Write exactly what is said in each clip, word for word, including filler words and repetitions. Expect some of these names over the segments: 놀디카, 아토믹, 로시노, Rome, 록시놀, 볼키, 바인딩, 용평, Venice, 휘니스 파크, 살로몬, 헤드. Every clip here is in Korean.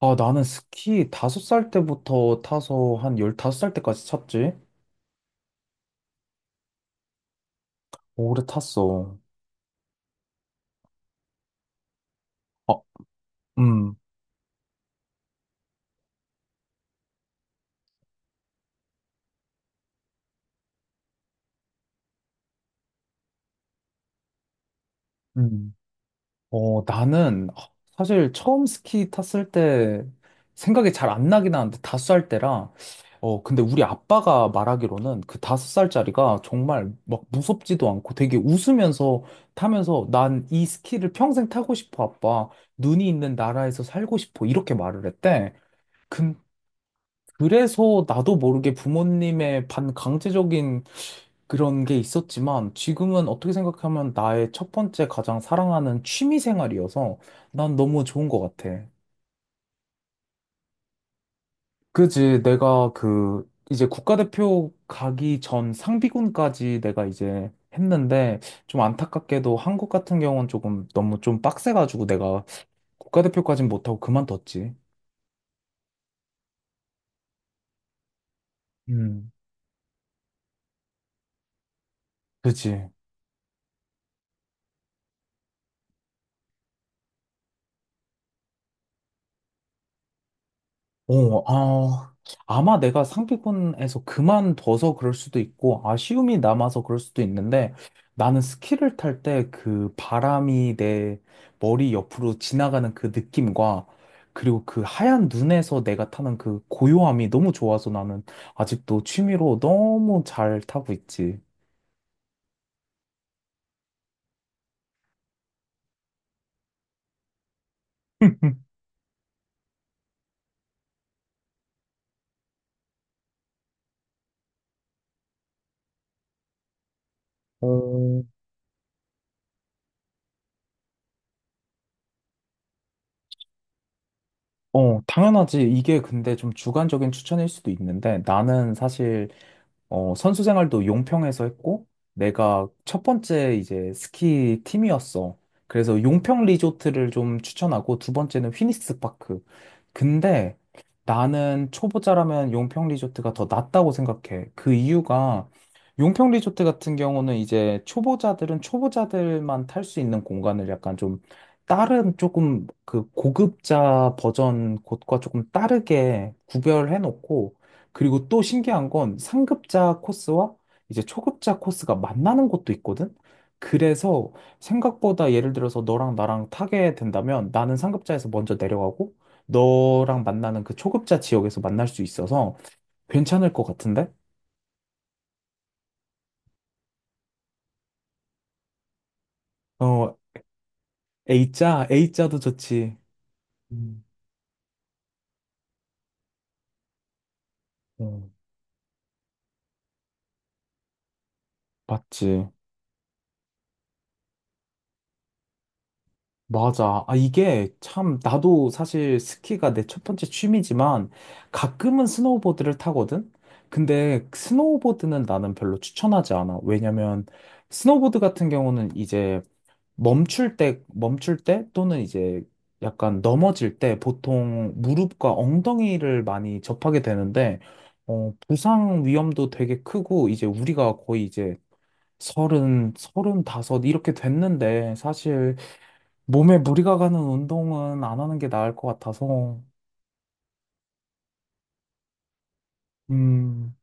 아, 나는 스키 다섯 살 때부터 타서 한 열다섯 살 때까지 탔지? 오래 탔어. 아, 음, 음. 어, 나는 아, 사실 처음 스키 탔을 때 생각이 잘 안 나긴 하는데 다섯 살 때라. 어, 근데 우리 아빠가 말하기로는 그 다섯 살짜리가 정말 막 무섭지도 않고 되게 웃으면서 타면서 난 이 스키를 평생 타고 싶어, 아빠. 눈이 있는 나라에서 살고 싶어. 이렇게 말을 했대. 그래서 나도 모르게 부모님의 반강제적인 그런 게 있었지만 지금은 어떻게 생각하면 나의 첫 번째 가장 사랑하는 취미 생활이어서 난 너무 좋은 것 같아. 그지? 내가 그 이제 국가대표 가기 전 상비군까지 내가 이제 했는데 좀 안타깝게도 한국 같은 경우는 조금 너무 좀 빡세가지고 내가 국가대표까진 못하고 그만뒀지. 음. 그지? 어, 아, 아마 내가 상비군에서 그만둬서 그럴 수도 있고, 아쉬움이 남아서 그럴 수도 있는데, 나는 스키를 탈 때 그 바람이 내 머리 옆으로 지나가는 그 느낌과, 그리고 그 하얀 눈에서 내가 타는 그 고요함이 너무 좋아서 나는 아직도 취미로 너무 잘 타고 있지. 어, 어, 당연하지. 이게 근데 좀 주관적인 추천일 수도 있는데, 나는 사실 어, 선수 생활도 용평에서 했고, 내가 첫 번째 이제 스키 팀이었어. 그래서 용평 리조트를 좀 추천하고, 두 번째는 휘니스 파크. 근데 나는 초보자라면 용평 리조트가 더 낫다고 생각해. 그 이유가 용평 리조트 같은 경우는 이제 초보자들은 초보자들만 탈 수 있는 공간을 약간 좀 다른 조금 그 고급자 버전 곳과 조금 다르게 구별해 놓고, 그리고 또 신기한 건 상급자 코스와 이제 초급자 코스가 만나는 곳도 있거든? 그래서 생각보다 예를 들어서 너랑 나랑 타게 된다면 나는 상급자에서 먼저 내려가고 너랑 만나는 그 초급자 지역에서 만날 수 있어서 괜찮을 것 같은데? 어, A자, A자도 좋지. 음, 어. 맞지. 맞아. 아, 이게 참, 나도 사실 스키가 내 첫 번째 취미지만 가끔은 스노우보드를 타거든? 근데 스노우보드는 나는 별로 추천하지 않아. 왜냐면 스노우보드 같은 경우는 이제 멈출 때, 멈출 때 또는 이제 약간 넘어질 때 보통 무릎과 엉덩이를 많이 접하게 되는데, 어, 부상 위험도 되게 크고 이제 우리가 거의 이제 서른, 서른다섯 이렇게 됐는데 사실 몸에 무리가 가는 운동은 안 하는 게 나을 것 같아서. 음,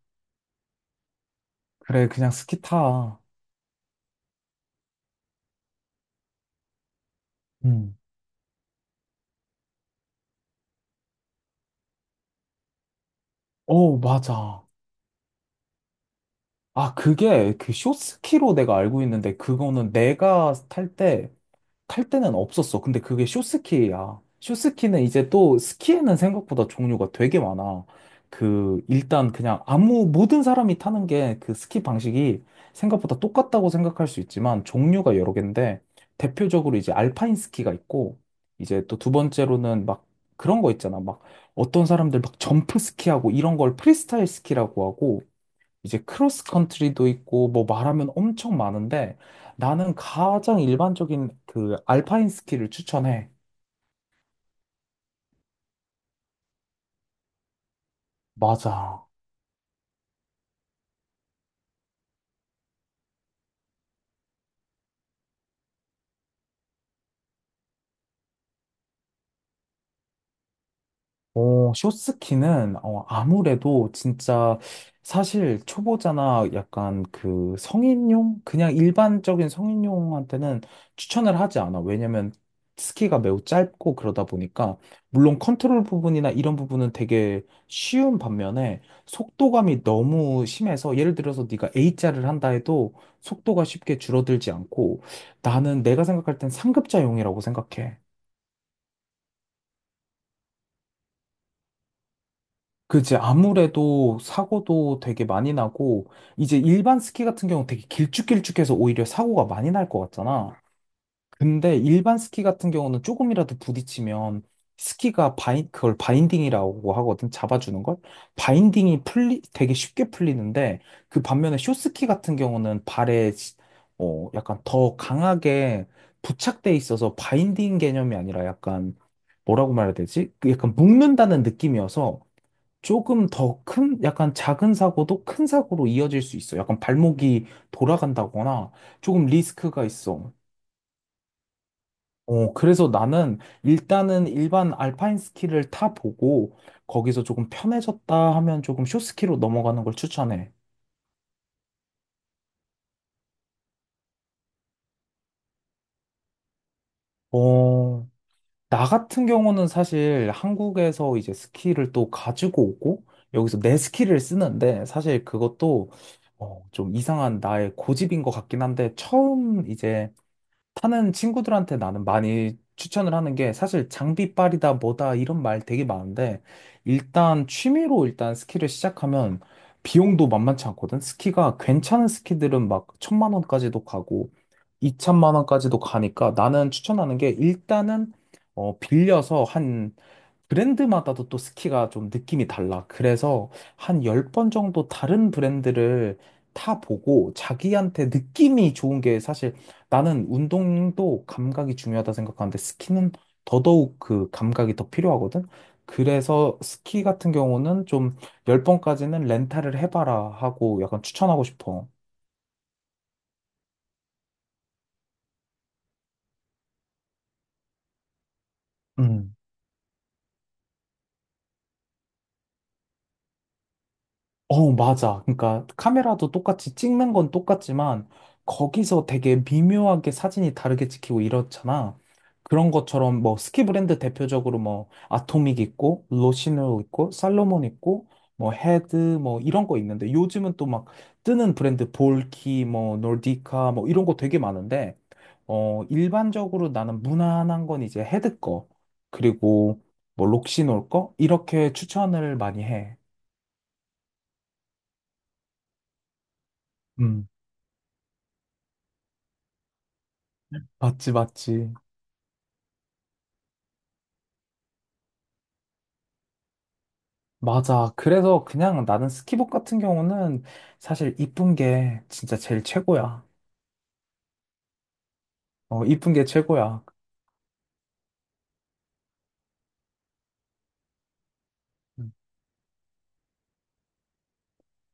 그래, 그냥 스키 타. 음. 어, 맞아. 아, 그게 그 숏스키로 내가 알고 있는데, 그거는 내가 탈때 탈 때는 없었어. 근데 그게 쇼스키야. 쇼스키는 이제 또 스키에는 생각보다 종류가 되게 많아. 그 일단 그냥 아무 모든 사람이 타는 게 그 스키 방식이 생각보다 똑같다고 생각할 수 있지만 종류가 여러 개인데 대표적으로 이제 알파인 스키가 있고 이제 또 두 번째로는 막 그런 거 있잖아. 막 어떤 사람들 막 점프 스키하고 이런 걸 프리스타일 스키라고 하고 이제 크로스 컨트리도 있고 뭐 말하면 엄청 많은데 나는 가장 일반적인 그 알파인 스키를 추천해. 맞아. 어, 쇼스키는 어, 아무래도 진짜 사실 초보자나 약간 그 성인용? 그냥 일반적인 성인용한테는 추천을 하지 않아. 왜냐면 스키가 매우 짧고 그러다 보니까 물론 컨트롤 부분이나 이런 부분은 되게 쉬운 반면에 속도감이 너무 심해서 예를 들어서 네가 A자를 한다 해도 속도가 쉽게 줄어들지 않고 나는 내가 생각할 땐 상급자용이라고 생각해. 그지. 아무래도 사고도 되게 많이 나고, 이제 일반 스키 같은 경우는 되게 길쭉길쭉해서 오히려 사고가 많이 날 것 같잖아. 근데 일반 스키 같은 경우는 조금이라도 부딪히면 스키가 바인, 그걸 바인딩이라고 하거든. 잡아주는 걸. 바인딩이 풀리, 되게 쉽게 풀리는데, 그 반면에 숏스키 같은 경우는 발에, 시- 어, 약간 더 강하게 부착돼 있어서 바인딩 개념이 아니라 약간, 뭐라고 말해야 되지? 그 약간 묶는다는 느낌이어서, 조금 더 큰, 약간 작은 사고도 큰 사고로 이어질 수 있어. 약간 발목이 돌아간다거나 조금 리스크가 있어. 어, 그래서 나는 일단은 일반 알파인 스키를 타보고 거기서 조금 편해졌다 하면 조금 숏스키로 넘어가는 걸 추천해. 어, 나 같은 경우는 사실 한국에서 이제 스키를 또 가지고 오고 여기서 내 스키를 쓰는데 사실 그것도 어, 좀 이상한 나의 고집인 것 같긴 한데 처음 이제 타는 친구들한테 나는 많이 추천을 하는 게 사실 장비빨이다 뭐다 이런 말 되게 많은데 일단 취미로 일단 스키를 시작하면 비용도 만만치 않거든. 스키가 괜찮은 스키들은 막 천만 원까지도 가고 이천만 원까지도 가니까 나는 추천하는 게 일단은 어 빌려서 한 브랜드마다도 또 스키가 좀 느낌이 달라. 그래서 한 열 번 정도 다른 브랜드를 타보고 자기한테 느낌이 좋은 게 사실 나는 운동도 감각이 중요하다 생각하는데 스키는 더더욱 그 감각이 더 필요하거든. 그래서 스키 같은 경우는 좀 열 번까지는 렌탈을 해봐라 하고 약간 추천하고 싶어. 음. 어, 맞아. 그러니까 카메라도 똑같이 찍는 건 똑같지만 거기서 되게 미묘하게 사진이 다르게 찍히고 이렇잖아. 그런 것처럼 뭐 스키 브랜드 대표적으로 뭐 아토믹 있고 로시노 있고 살로몬 있고 뭐 헤드 뭐 이런 거 있는데 요즘은 또 막 뜨는 브랜드 볼키 뭐 놀디카 뭐 이런 거 되게 많은데 어 일반적으로 나는 무난한 건 이제 헤드 거 그리고 뭐 록시놀 거 이렇게 추천을 많이 해. 음. 맞지, 맞지. 맞아. 그래서 그냥 나는 스키복 같은 경우는 사실 이쁜 게 진짜 제일 최고야. 어, 이쁜 게 최고야.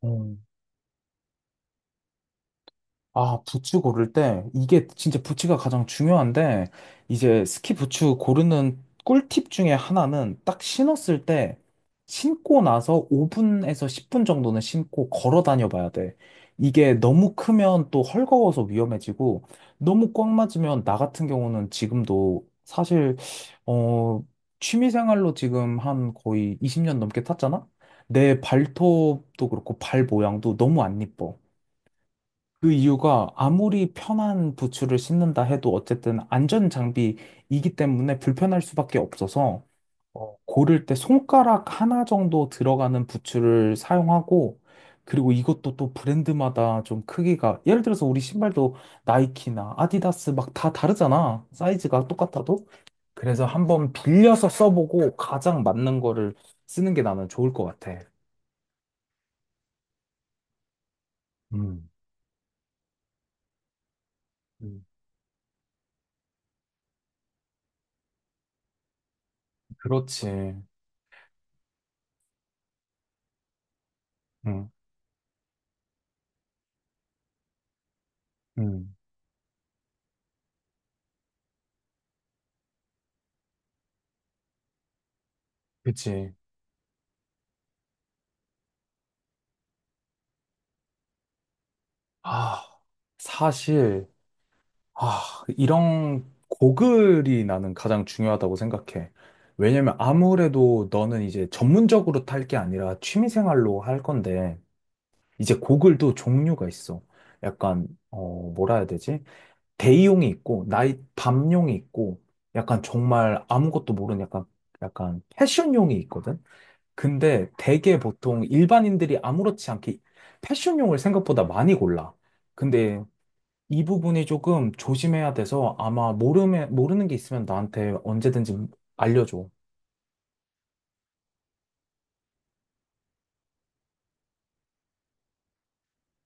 어. 아, 부츠 고를 때, 이게 진짜 부츠가 가장 중요한데, 이제 스키 부츠 고르는 꿀팁 중에 하나는 딱 신었을 때, 신고 나서 오 분에서 십 분 정도는 신고 걸어 다녀 봐야 돼. 이게 너무 크면 또 헐거워서 위험해지고, 너무 꽉 맞으면 나 같은 경우는 지금도 사실, 어, 취미 생활로 지금 한 거의 이십 년 넘게 탔잖아? 내 발톱도 그렇고 발 모양도 너무 안 이뻐. 그 이유가 아무리 편한 부츠를 신는다 해도 어쨌든 안전 장비이기 때문에 불편할 수밖에 없어서 어, 고를 때 손가락 하나 정도 들어가는 부츠를 사용하고 그리고 이것도 또 브랜드마다 좀 크기가 예를 들어서 우리 신발도 나이키나 아디다스 막 다 다르잖아. 사이즈가 똑같아도. 그래서 한번 빌려서 써보고 가장 맞는 거를 쓰는 게 나는 좋을 것 같아. 음. 음. 그렇지. 응, 응. 그치. 아, 사실, 아, 이런 고글이 나는 가장 중요하다고 생각해. 왜냐면 아무래도 너는 이제 전문적으로 탈 게 아니라 취미생활로 할 건데, 이제 고글도 종류가 있어. 약간, 어, 뭐라 해야 되지? 대용이 있고, 나이, 밤용이 있고, 약간 정말 아무것도 모르는 약간, 약간 패션용이 있거든? 근데 되게 보통 일반인들이 아무렇지 않게 패션용을 생각보다 많이 골라. 근데 이 부분이 조금 조심해야 돼서 아마 모르면, 모르는 게 있으면 나한테 언제든지 알려줘.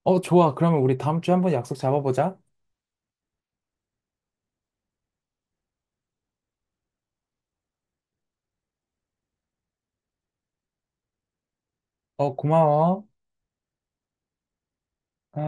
어, 좋아. 그러면 우리 다음 주에 한번 약속 잡아보자. 어, 고마워. 어.